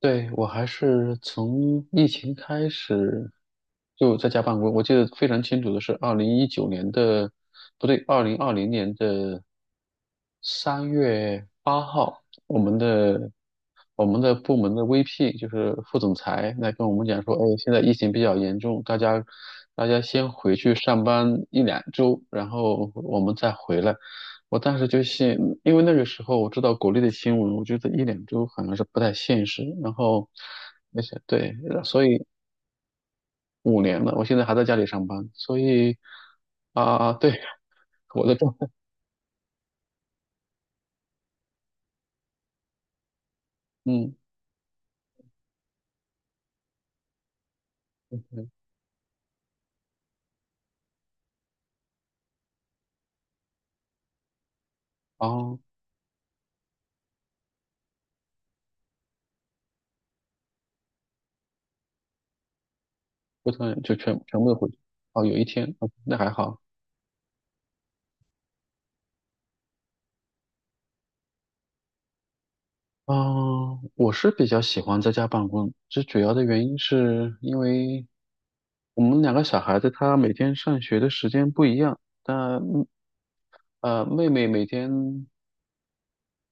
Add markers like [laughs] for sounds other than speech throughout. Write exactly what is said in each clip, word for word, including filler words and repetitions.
对，我还是从疫情开始就在家办公。我记得非常清楚的是，二零一九年的，不对，二零二零年的三月八号，我们的我们的部门的 V P 就是副总裁来跟我们讲说，哎，现在疫情比较严重，大家大家先回去上班一两周，然后我们再回来。我当时就信，因为那个时候我知道国内的新闻，我觉得一两周好像是不太现实。然后，那些对，所以五年了，我现在还在家里上班，所以啊、对，我的状态，嗯，嗯嗯哦。不同人就全全部都回去。哦，有一天，哦那还好。嗯，我是比较喜欢在家办公，最主要的原因是因为我们两个小孩子他每天上学的时间不一样，但呃妹妹每天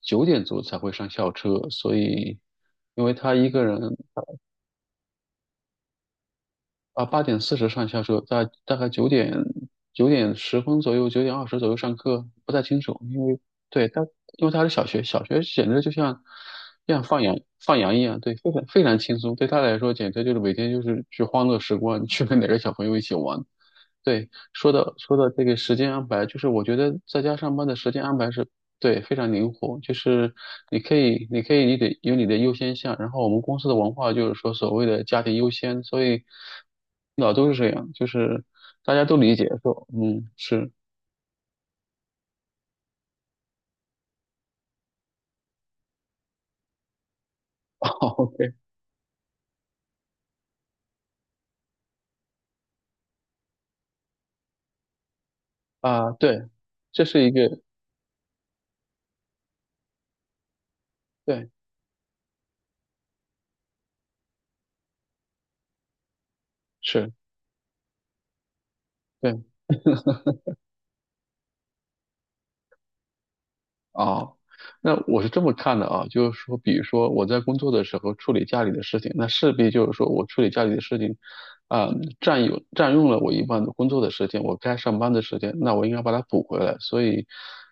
九点钟才会上校车，所以因为她一个人。啊，八点四十上下车，大大概九点九点十分左右，九点二十左右上课，不太清楚，因为对他，因为他是小学，小学简直就像像放羊放羊一样，对，非常非常轻松，对他来说简直就是每天就是去欢乐时光，去跟哪个小朋友一起玩，对，说的说的这个时间安排，就是我觉得在家上班的时间安排是对非常灵活，就是你可以，你可以，你得有你的优先项。然后我们公司的文化就是说所谓的家庭优先，所以老都是这样，就是大家都理解说，嗯，是 [laughs]，OK 啊，对，这是一个对，是。对。啊，那我是这么看的啊，就是说，比如说我在工作的时候处理家里的事情，那势必就是说我处理家里的事情，啊、占有占用了我一半的工作的时间，我该上班的时间，那我应该把它补回来。所以，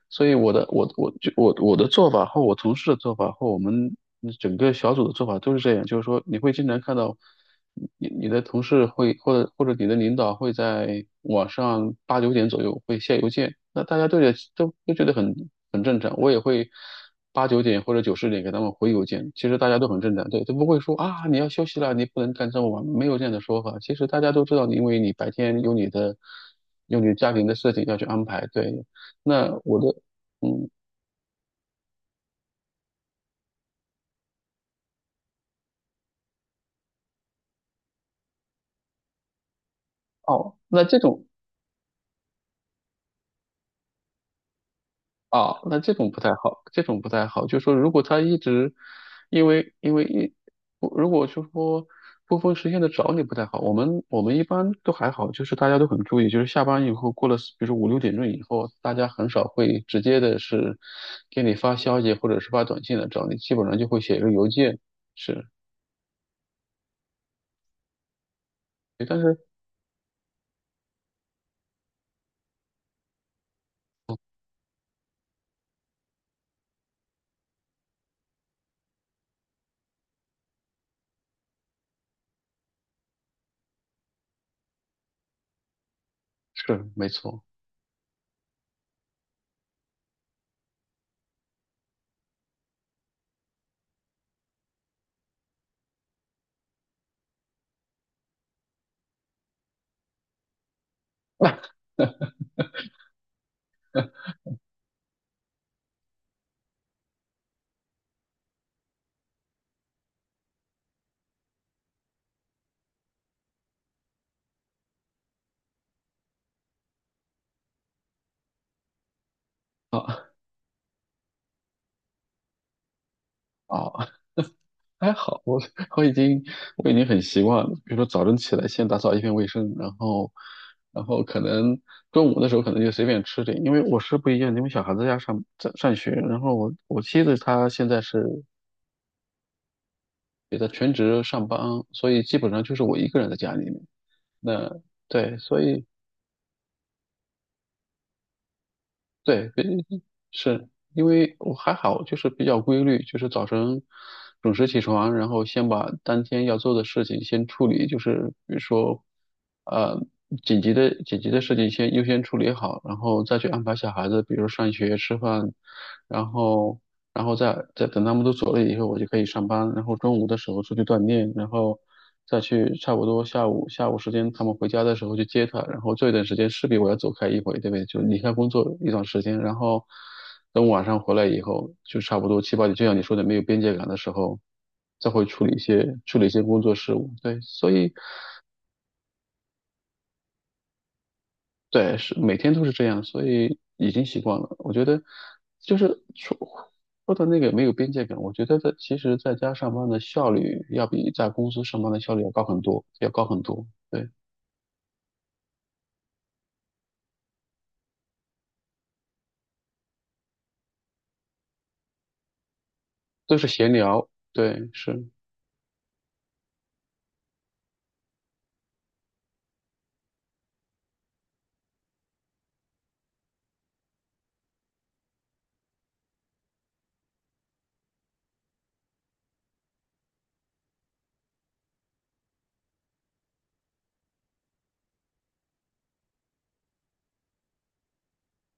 所以我的我我就我我的做法和我同事的做法和我们整个小组的做法都是这样，就是说你会经常看到。你你的同事会或者或者你的领导会在晚上八九点左右会下邮件，那大家都觉得都都觉得很很正常，我也会八九点或者九十点给他们回邮件，其实大家都很正常，对，都不会说啊你要休息了，你不能干这么晚，没有这样的说法，其实大家都知道，因为你白天有你的有你家庭的事情要去安排，对，那我的嗯哦，那这种。啊，那这种不太好，这种不太好。就说如果他一直，因为因为一，不如果就说不分时间的找你不太好。我们我们一般都还好，就是大家都很注意，就是下班以后过了，比如说五六点钟以后，大家很少会直接的是给你发消息或者是发短信来找你，基本上就会写一个邮件。是，但是是没错。[laughs] 啊啊。还好，我 [laughs] 我已经我已经很习惯了。比如说早晨起来先打扫一遍卫生，然后然后可能中午的时候可能就随便吃点，因为我是不一样，因为小孩子要上在上学，然后我我妻子她现在是也在全职上班，所以基本上就是我一个人在家里面。那对，所以对，是因为我还好，就是比较规律，就是早晨准时起床，然后先把当天要做的事情先处理，就是比如说，呃，紧急的紧急的事情先优先处理好，然后再去安排小孩子，比如上学、吃饭，然后然后再再等他们都走了以后，我就可以上班，然后中午的时候出去锻炼，然后再去差不多下午下午时间他们回家的时候去接他，然后这一段时间势必我要走开一回，对不对？就离开工作一段时间，然后等晚上回来以后，就差不多七八点，就像你说的没有边界感的时候，再会处理一些处理一些工作事务，对，所以。对，是每天都是这样，所以已经习惯了。我觉得就是说说的那个没有边界感，我觉得在其实在家上班的效率要比在公司上班的效率要高很多，要高很多。对，都是闲聊，对，是。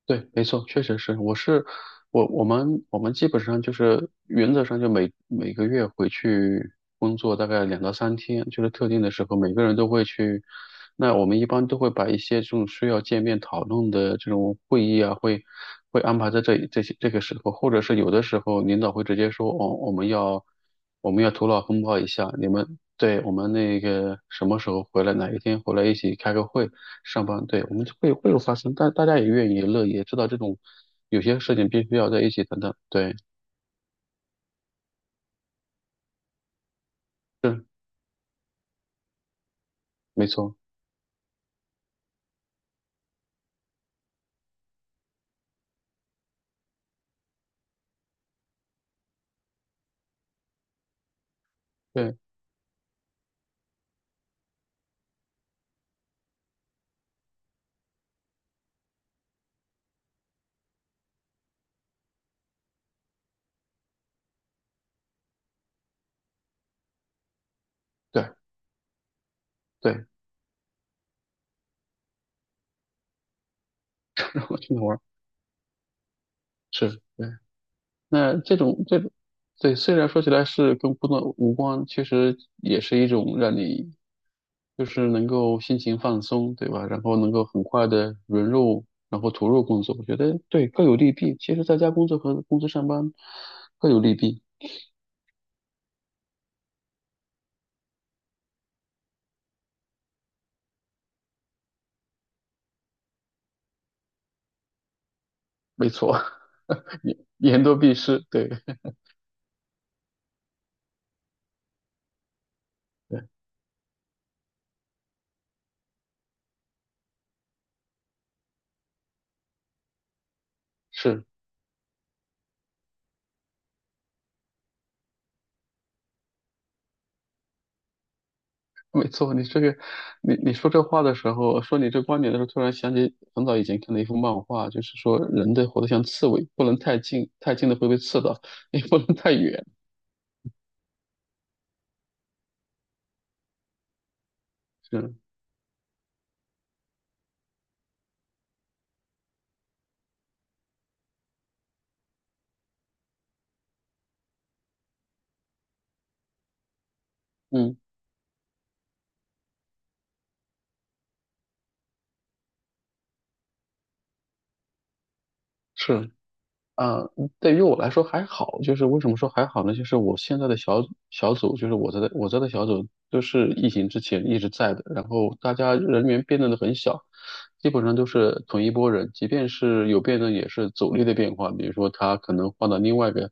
对，没错，确实是，我是我我们我们基本上就是原则上就每每个月回去工作大概两到三天，就是特定的时候，每个人都会去。那我们一般都会把一些这种需要见面讨论的这种会议啊，会会安排在这这些这个时候，或者是有的时候领导会直接说，哦，我们要我们要头脑风暴一下，你们对，我们那个什么时候回来，哪一天回来一起开个会，上班，对，我们就会会有发生，但大家也愿意乐意，也知道这种有些事情必须要在一起等等，对，没错，对对对，[laughs] 让我去哪玩是，对。那这种这种，对，虽然说起来是跟工作无关，其实也是一种让你就是能够心情放松，对吧？然后能够很快的融入，然后投入工作，我觉得对各有利弊。其实在家工作和公司上班各有利弊，没错，[laughs] 言言多必失，对，[laughs] 是。[laughs] 没错，你这个，你你说这话的时候，说你这观点的时候，突然想起很早以前看的一幅漫画，就是说人得活得像刺猬，不能太近，太近的会被刺到，[laughs] 也不能太远。是，嗯，是啊，对于我来说还好，就是为什么说还好呢？就是我现在的小小组，就是我在的我在的小组，都是疫情之前一直在的，然后大家人员变动的很小。基本上都是同一波人，即便是有变动，也是组力的变化。比如说，他可能换到另外一个。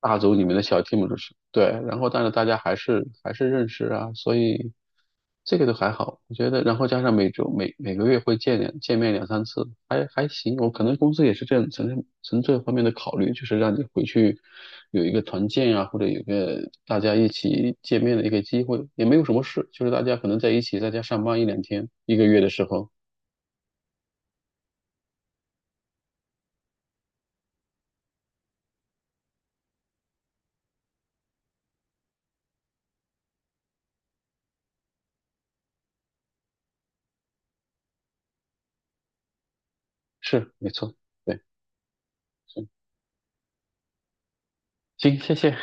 大组里面的小 team 就是，对，然后但是大家还是还是认识啊，所以这个都还好，我觉得，然后加上每周每每个月会见两见面两三次，还还行。我可能公司也是这样从从这方面的考虑，就是让你回去有一个团建啊，或者有一个大家一起见面的一个机会，也没有什么事，就是大家可能在一起在家上班一两天，一个月的时候，是没错，对，是行，谢谢。